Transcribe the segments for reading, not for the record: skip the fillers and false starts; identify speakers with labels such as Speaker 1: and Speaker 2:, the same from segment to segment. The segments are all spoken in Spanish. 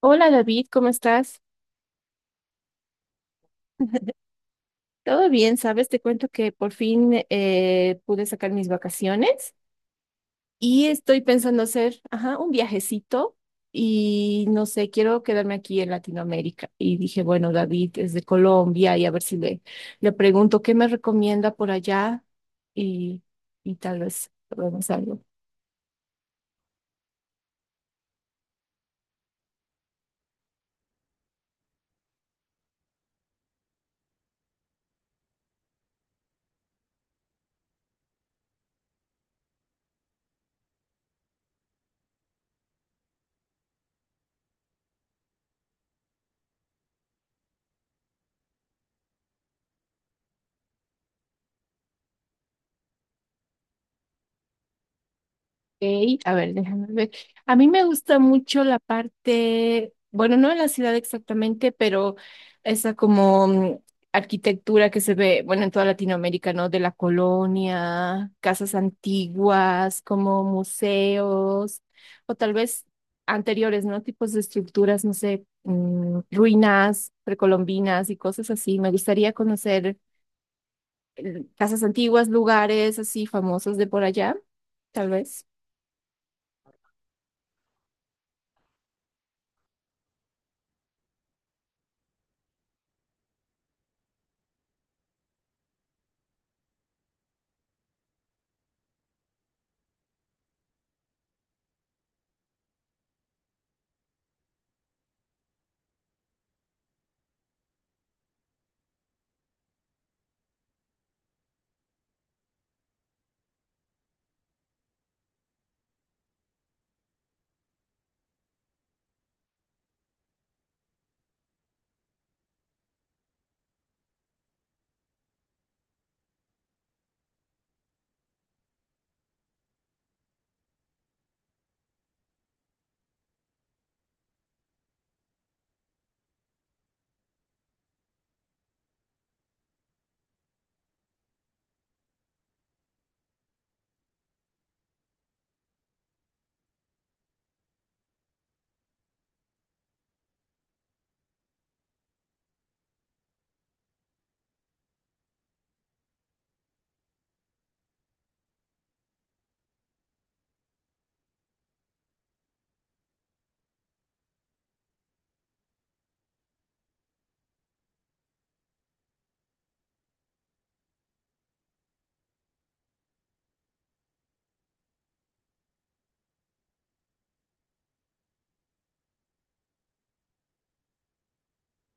Speaker 1: Hola David, ¿cómo estás? Todo bien, ¿sabes? Te cuento que por fin pude sacar mis vacaciones y estoy pensando hacer, ajá, un viajecito y no sé, quiero quedarme aquí en Latinoamérica. Y dije, bueno, David es de Colombia y a ver si le, le pregunto qué me recomienda por allá y, y tal vez probemos algo. Ok, a ver, déjame ver. A mí me gusta mucho la parte, bueno, no en la ciudad exactamente, pero esa como arquitectura que se ve, bueno, en toda Latinoamérica, ¿no? De la colonia, casas antiguas, como museos, o tal vez anteriores, ¿no? Tipos de estructuras, no sé, ruinas precolombinas y cosas así. Me gustaría conocer casas antiguas, lugares así famosos de por allá, tal vez.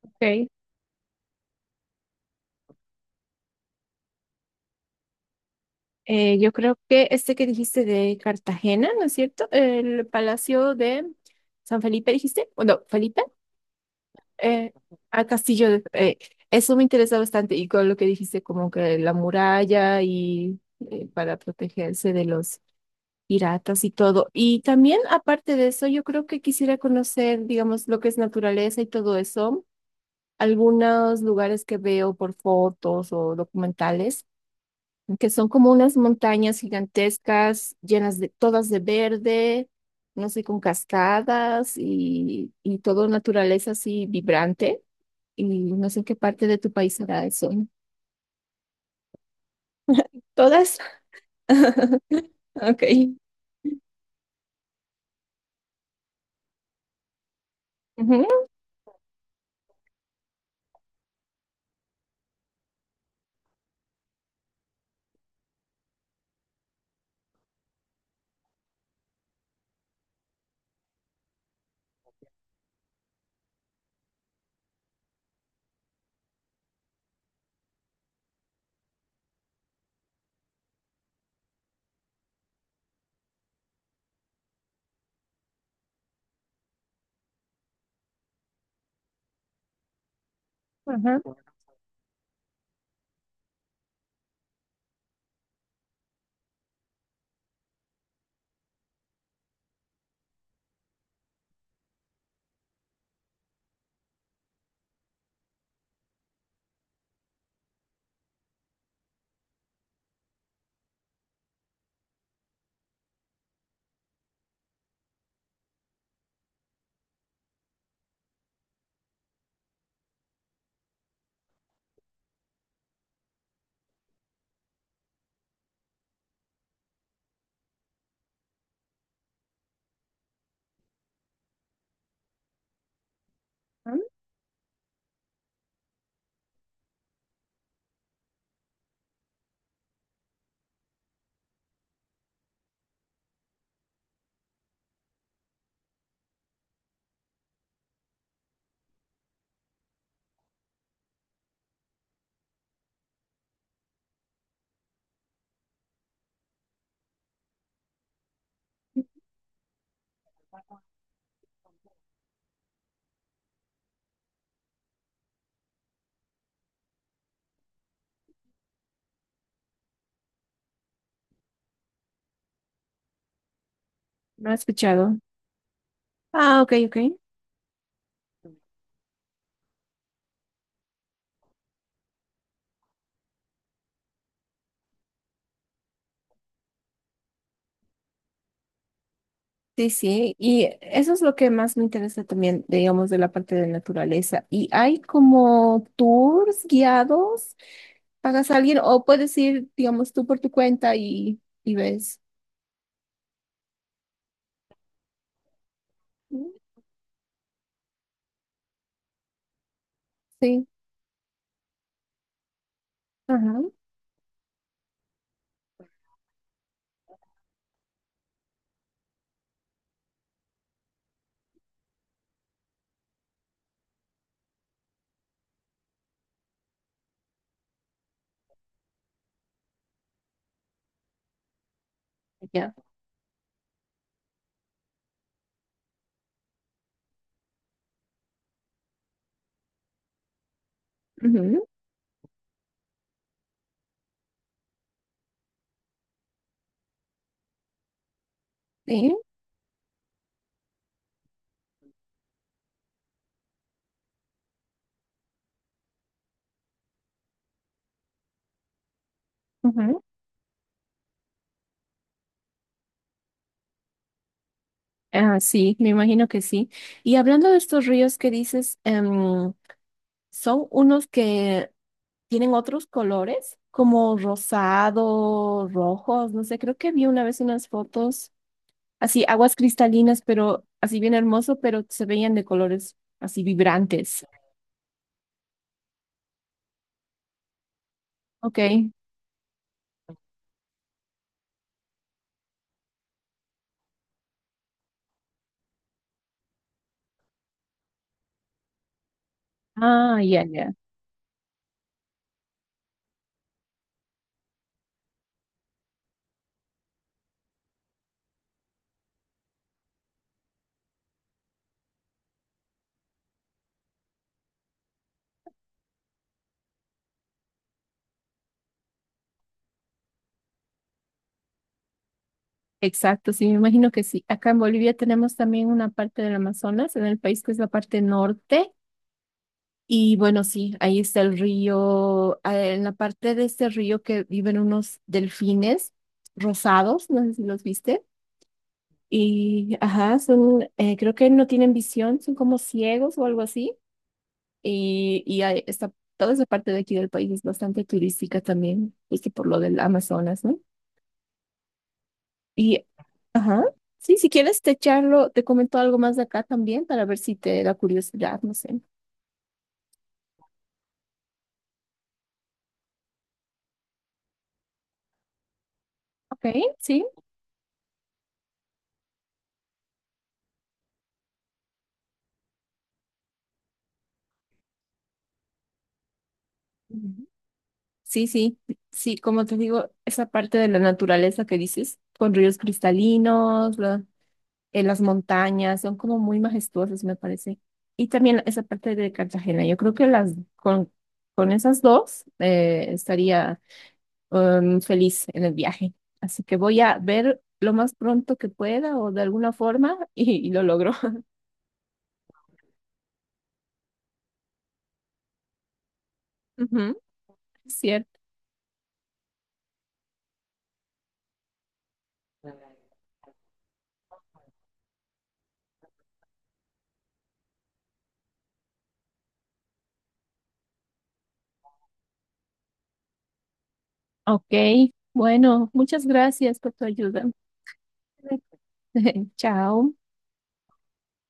Speaker 1: Ok. Yo creo que este que dijiste de Cartagena, ¿no es cierto? El Palacio de San Felipe, dijiste. O no, Felipe, eh, a Castillo de- eh, eso me interesa bastante. Y con lo que dijiste, como que la muralla y para protegerse de los piratas y todo. Y también, aparte de eso, yo creo que quisiera conocer, digamos, lo que es naturaleza y todo eso. Algunos lugares que veo por fotos o documentales que son como unas montañas gigantescas, llenas de todas de verde, no sé, con cascadas y todo naturaleza así vibrante. Y no sé en qué parte de tu país será eso. ¿Todas? Ok. Ujú. Ajá, ajá, no he escuchado. Ah, ok, ok. Sí, sí, y eso es lo que más me interesa también, digamos, de la parte de naturaleza. ¿Y hay como tours guiados pagas a alguien o puedes ir, digamos, tú por tu cuenta y ves. Sí, ajá, ya. Ujú, sí, ujú. Ah, sí, me imagino que sí. Y hablando de estos ríos que dices, son unos que tienen otros colores, como rosado, rojos, no sé, creo que vi una vez unas fotos, así aguas cristalinas, pero así bien hermoso, pero se veían de colores así vibrantes. Ok. Ah, ya, ya. Exacto, sí, me imagino que sí. Acá en Bolivia tenemos también una parte del Amazonas, en el país que es la parte norte. Y bueno, sí, ahí está el río, en la parte de este río que viven unos delfines rosados, no sé si los viste. Y, ajá, son, creo que no tienen visión, son como ciegos o algo así. Y ahí está, toda esa parte de aquí del país es bastante turística también, justo por lo del Amazonas, ¿no? Y, ajá, sí, si quieres te charlo, te comento algo más de acá también para ver si te da curiosidad, no sé. Ok, sí. Ujú. Sí, sí, sí, como te digo, esa parte de la naturaleza que dices, con ríos cristalinos, las montañas, son como muy majestuosas, me parece. Y también esa parte de Cartagena, yo creo que las con, con esas dos estaría feliz en el viaje. Así que voy a ver lo más pronto que pueda o de alguna forma y lo logro. Ujú, cierto. Ok, bueno, muchas gracias por tu ayuda. Chao.